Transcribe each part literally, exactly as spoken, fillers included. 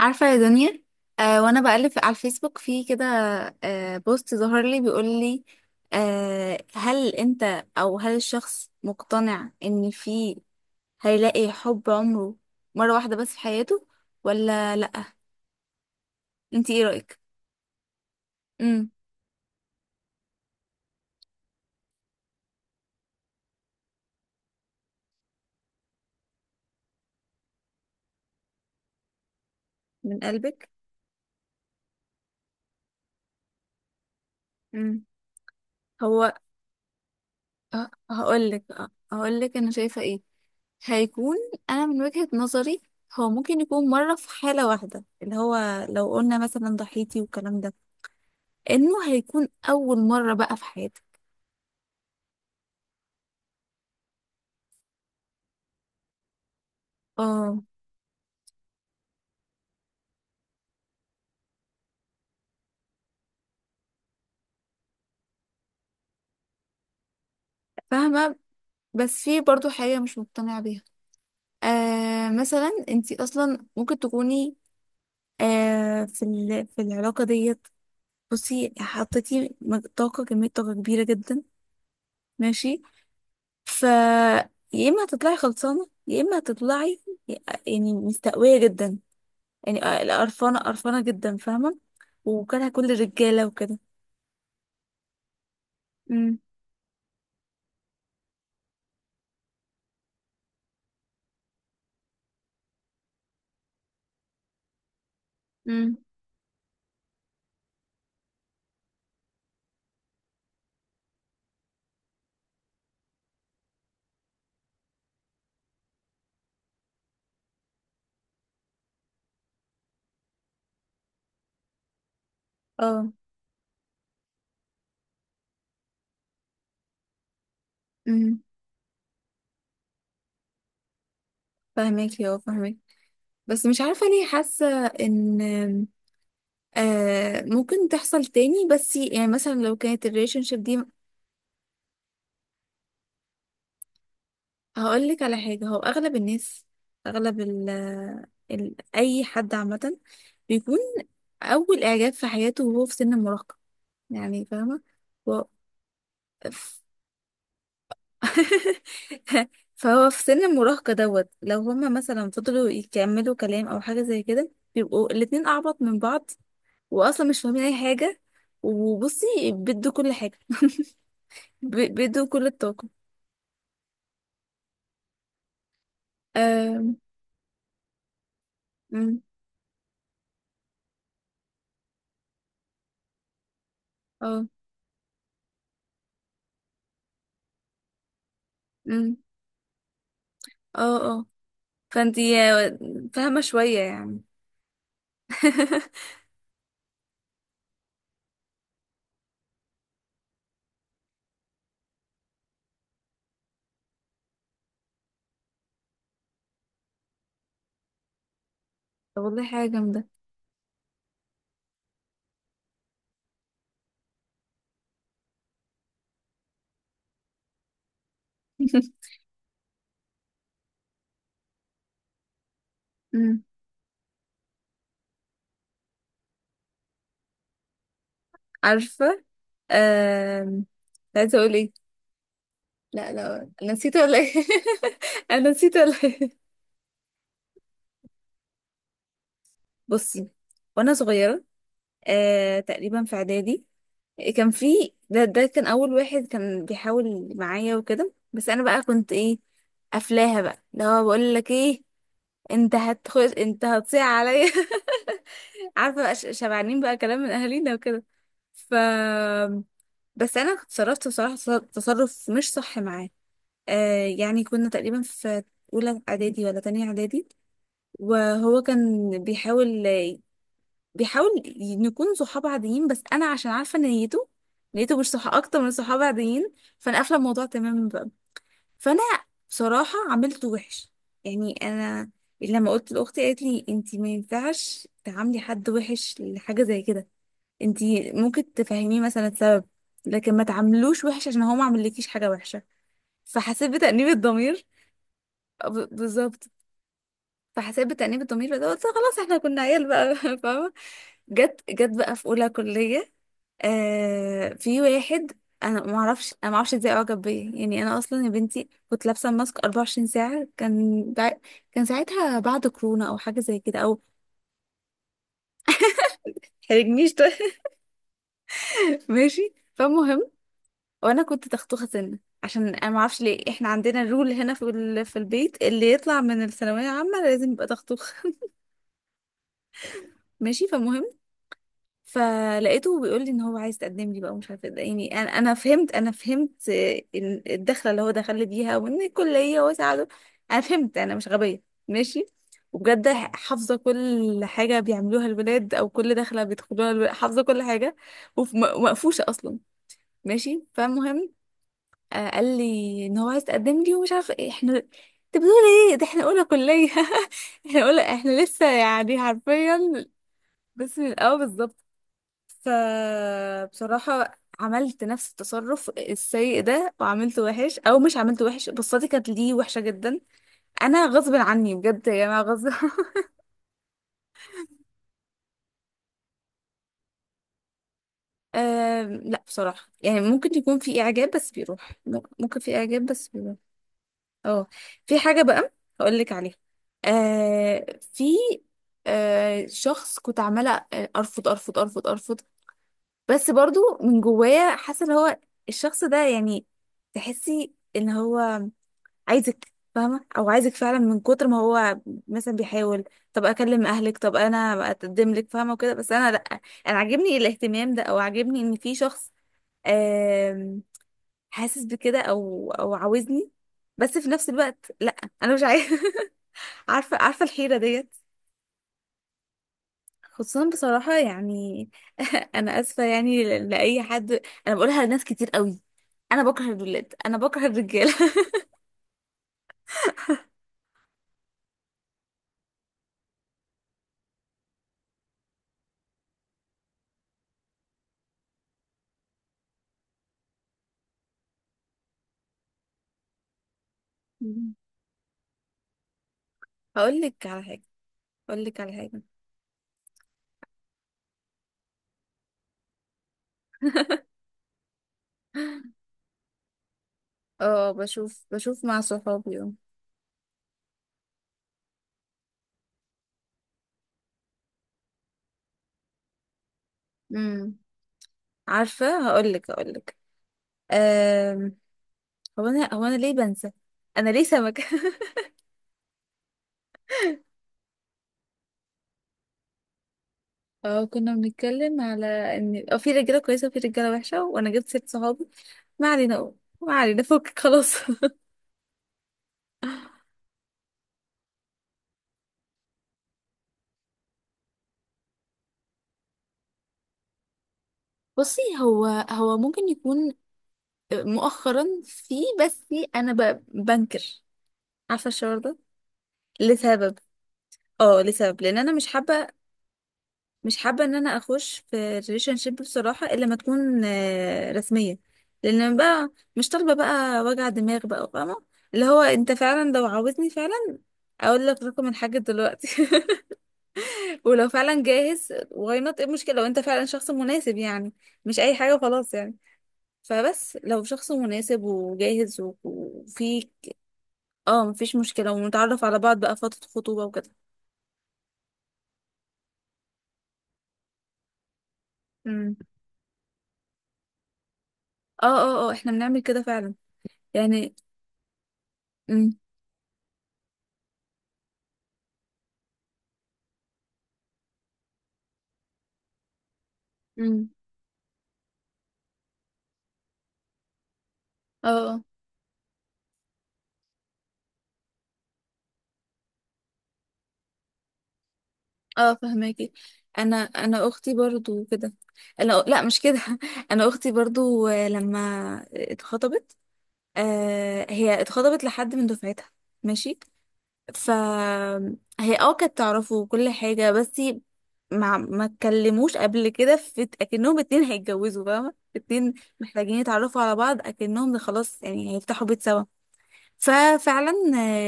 عارفة يا دنيا؟ آه وانا بقلب في- على الفيسبوك في كده. آه بوست ظهر لي بيقول لي، آه هل انت او هل الشخص مقتنع ان في، هيلاقي حب عمره مرة واحدة بس في حياته ولا لا؟ انت ايه رأيك؟ امم. من قلبك. امم. هو ه- هقولك هقولك انا شايفة ايه. هيكون، انا من وجهة نظري هو ممكن يكون مرة في حالة واحدة، اللي هو لو قلنا مثلا ضحيتي والكلام ده، انه هيكون اول مره بقى في حياتي. اه، فاهمه. بس في برضو حاجه مش مقتنعه بيها. آه مثلا انتي اصلا ممكن تكوني، آه في ال- في العلاقه ديت، بصي حطيتي مج- طاقه كميه طاقه كبيره جدا، ماشي. ف يا اما هتطلعي خلصانه يا اما هتطلعي يعني مستقويه جدا، يعني قرفانه قرفانه جدا، فاهمه؟ وكانها كل الرجاله وكده. امم، امم، اه، امم. فاهمك، يا فاهمك. بس مش عارفة ليه حاسة ان آه ممكن تحصل تاني، بس يعني مثلا لو كانت الريليشن شيب دي. هقولك على حاجة، هو اغلب الناس، اغلب ال ال اي حد عامة بيكون اول اعجاب في حياته وهو في سن المراهقة، يعني فاهمة؟ و... ف- فهو في سن المراهقة دوت، لو هما مثلا فضلوا يكملوا كلام او حاجة زي كده بيبقوا الاتنين اعبط من بعض، واصلا مش فاهمين اي حاجه. وبصي، بيدوا كل حاجه. ب- بيدوا كل الطاقه. آم، أم، اه، أم، اه، اه. فانتي آه، فاهمه شويه يعني. طب والله حاجه جامده. أم، عارفه، آم، كنت عايزه اقول ايه؟ لا لا، انا نسيت ولا ايه؟ انا نسيت ولا ايه؟ بصي، وانا صغيره آه، تقريبا في اعدادي، كان في ده ده كان اول واحد كان بيحاول معايا وكده، بس انا بقى كنت ايه؟ قافلاها بقى. اللي هو بقول لك ايه؟ انت هتخش، انت هتصيع عليا. عارفه بقى ش- شبعانين بقى كلام من اهالينا وكده. ف بس انا اتصرفت بصراحه تص- تصرف مش صح معاه. آه يعني كنا تقريبا في اولى اعدادي ولا تانية اعدادي، وهو كان بيحاول بيحاول ي- نكون صحاب عاديين، بس انا عشان عارفه ان نيته نيته مش صحاب، اكتر من صحاب عاديين. فانا قافله الموضوع تماما بقى. فانا بصراحه عملته وحش، يعني انا لما قلت لاختي قالت لي انت ما ينفعش تعاملي حد وحش لحاجه زي كده، انت ممكن تفهميه مثلا السبب، لكن ما تعاملوش وحش عشان هو ما عملكيش حاجه وحشه. فحسيت بتأنيب الضمير. ب- بالظبط. فحسيت بتأنيب الضمير، بس قلت خلاص، احنا كنا عيال بقى. فاهمه؟ جت جت بقى في اولى كليه، آه في واحد، انا ما اعرفش انا ما اعرفش ازاي اعجب بيا، يعني انا اصلا يا بنتي كنت لابسه ماسك أربعة وعشرين ساعه، كان بع... كان ساعتها بعد كورونا او حاجه زي كده، او حرجنيش طيب. ماشي، فالمهم. وانا كنت تختوخه سنه، عشان انا ما اعرفش ليه احنا عندنا الرول هنا في ال... في البيت، اللي يطلع من الثانويه عامه لازم يبقى تختوخ. ماشي، فالمهم. فلقيته بيقول لي ان هو عايز يتقدم لي بقى، ومش عارفه ده يعني. انا انا فهمت انا فهمت آه، إن الدخله اللي هو دخل لي بيها، وان الكليه وساعده. انا فهمت، انا مش غبيه، ماشي. وبجد، حافظه كل حاجه بيعملوها الولاد، او كل دخله بيدخلوها الولاد، حافظه كل حاجه، وف- م- ومقفوشه اصلا. ماشي، فالمهم آه، قال لي ان هو عايز يتقدم لي، ومش عارفه ايه. احنا انت بتقول ايه؟ ده احنا اولى كليه. احنا اولى احنا لسه يعني حرفيا بس من الاول بالظبط. فبصراحة عملت نفس التصرف السيء ده، وعملته وحش او مش عملته وحش، بصتي كانت ليه وحشة جماعة. انا غصب عني بجد يا جماعة، غصب. آم، لا بصراحة، يعني ممكن يكون في إعجاب بس بيروح، م- ممكن في إعجاب بس بيروح. اه، في حاجة بقى هقول لك عليها. آه في، آه شخص كنت عمالة آه، أرفض أرفض أرفض أرفض، بس برضو من جوايا حاسة اللي هو الشخص ده، يعني تحسي ان هو عايزك فاهمة، او عايزك فعلا من كتر ما هو مثلا بيحاول، طب اكلم اهلك، طب انا اقدم لك، فاهمة، وكده. بس انا لا، انا عاجبني الاهتمام ده، او عاجبني ان في شخص آم، حاسس بكده، او او عاوزني، بس في نفس الوقت لا، انا مش عايزة. عارفة عارفة الحيرة ديت؟ خصوصا بصراحة يعني. انا اسفة يعني ل- لاي حد، انا بقولها لناس كتير قوي، انا بكره الولاد، انا بكره الرجالة. هقول لك على حاجة هقول لك على حاجة. اه، بشوف بشوف مع صحابي، اه. امم. عارفة، هقولك هقولك أم... هو انا هو انا ليه بنسى؟ انا ليه سمكة؟ اه، كنا بنتكلم على ان اه في رجالة كويسة وفي رجالة وحشة، وانا جبت ست صحابي، ما علينا، ما علينا، فكك، خلاص. بصي، هو هو ممكن يكون آه، مؤخرا في، بس انا ب... بنكر. عارفة الشعور ده؟ لسبب اه لسبب لان انا مش حابة، مش حابه ان انا اخش في ريليشن شيب بصراحه الا ما تكون آه، رسميه، لان أنا بقى مش طالبه بقى وجع دماغ بقى، فاهمه؟ اللي هو انت فعلا لو عاوزني فعلا اقول لك رقم الحاج دلوقتي. ولو فعلا جاهز واي نوت، ايه المشكله؟ لو انت فعلا شخص مناسب، يعني مش اي حاجه خلاص يعني. فبس لو شخص مناسب وجاهز و- وفي، اه، مفيش مشكله ونتعرف على بعض بقى فتره خطوبه وكده. امم، اه اه اه، احنا بنعمل كده فعلا يعني. امم، امم، اه اه، فهماكي. انا انا اختي برضو كده. انا لا، مش كده. انا اختي برضو آه، لما اتخطبت، آه هي اتخطبت لحد من دفعتها، ماشي. فهي اه كانت تعرفه وكل حاجه، بس ما ما اتكلموش قبل كده، في اكنهم اتنين هيتجوزوا، فاهمه، اتنين محتاجين يتعرفوا على بعض اكنهم خلاص يعني هيفتحوا بيت سوا. ففعلا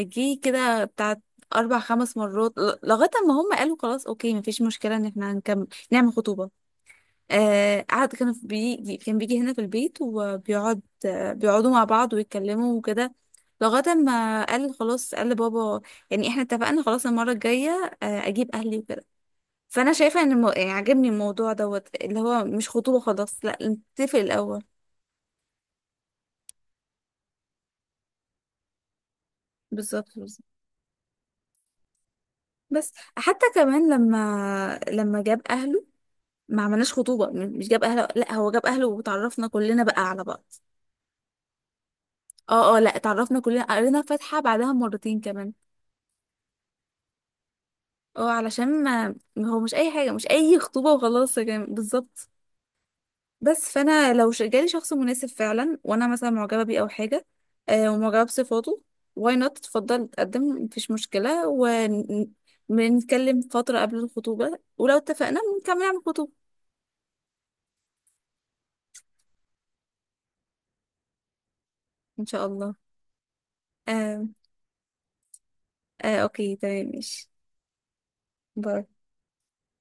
آه، جه كده بتاع اربع خمس مرات، ل- لغايه ما هم قالوا خلاص اوكي مفيش مشكله ان احنا هنكمل نعمل خطوبه. آه قعد، كان في بيجي كان بيجي هنا في البيت وبيقعد، آه بيقعدوا مع بعض ويتكلموا وكده، لغايه ما قال خلاص، قال لبابا يعني احنا اتفقنا، خلاص المره الجايه آه اجيب اهلي وكده. فانا شايفه ان الم... يعني عجبني الموضوع دوت، اللي هو مش خطوبه خلاص، لا نتفق الاول. بالظبط، بالظبط. بس حتى كمان لما لما جاب اهله ما عملناش خطوبة، م- مش جاب اهله، لا هو جاب اهله وتعرفنا كلنا بقى على بعض. اه اه، لا تعرفنا كلنا، قرينا فاتحة بعدها مرتين كمان. اه، علشان ما ما هو مش اي حاجة، مش اي خطوبة وخلاص يا جماعة، بالظبط. بس فانا لو ش- جالي شخص مناسب فعلا، وانا مثلا معجبة بيه او حاجة، آه ومعجبة بصفاته، واي نوت، اتفضل اتقدم، مفيش مشكلة، ونتكلم فترة قبل الخطوبة، ولو اتفقنا نكمل على الخطوبة. ان شاء الله. آه، آه، اوكي، تمام، ماشي. باي.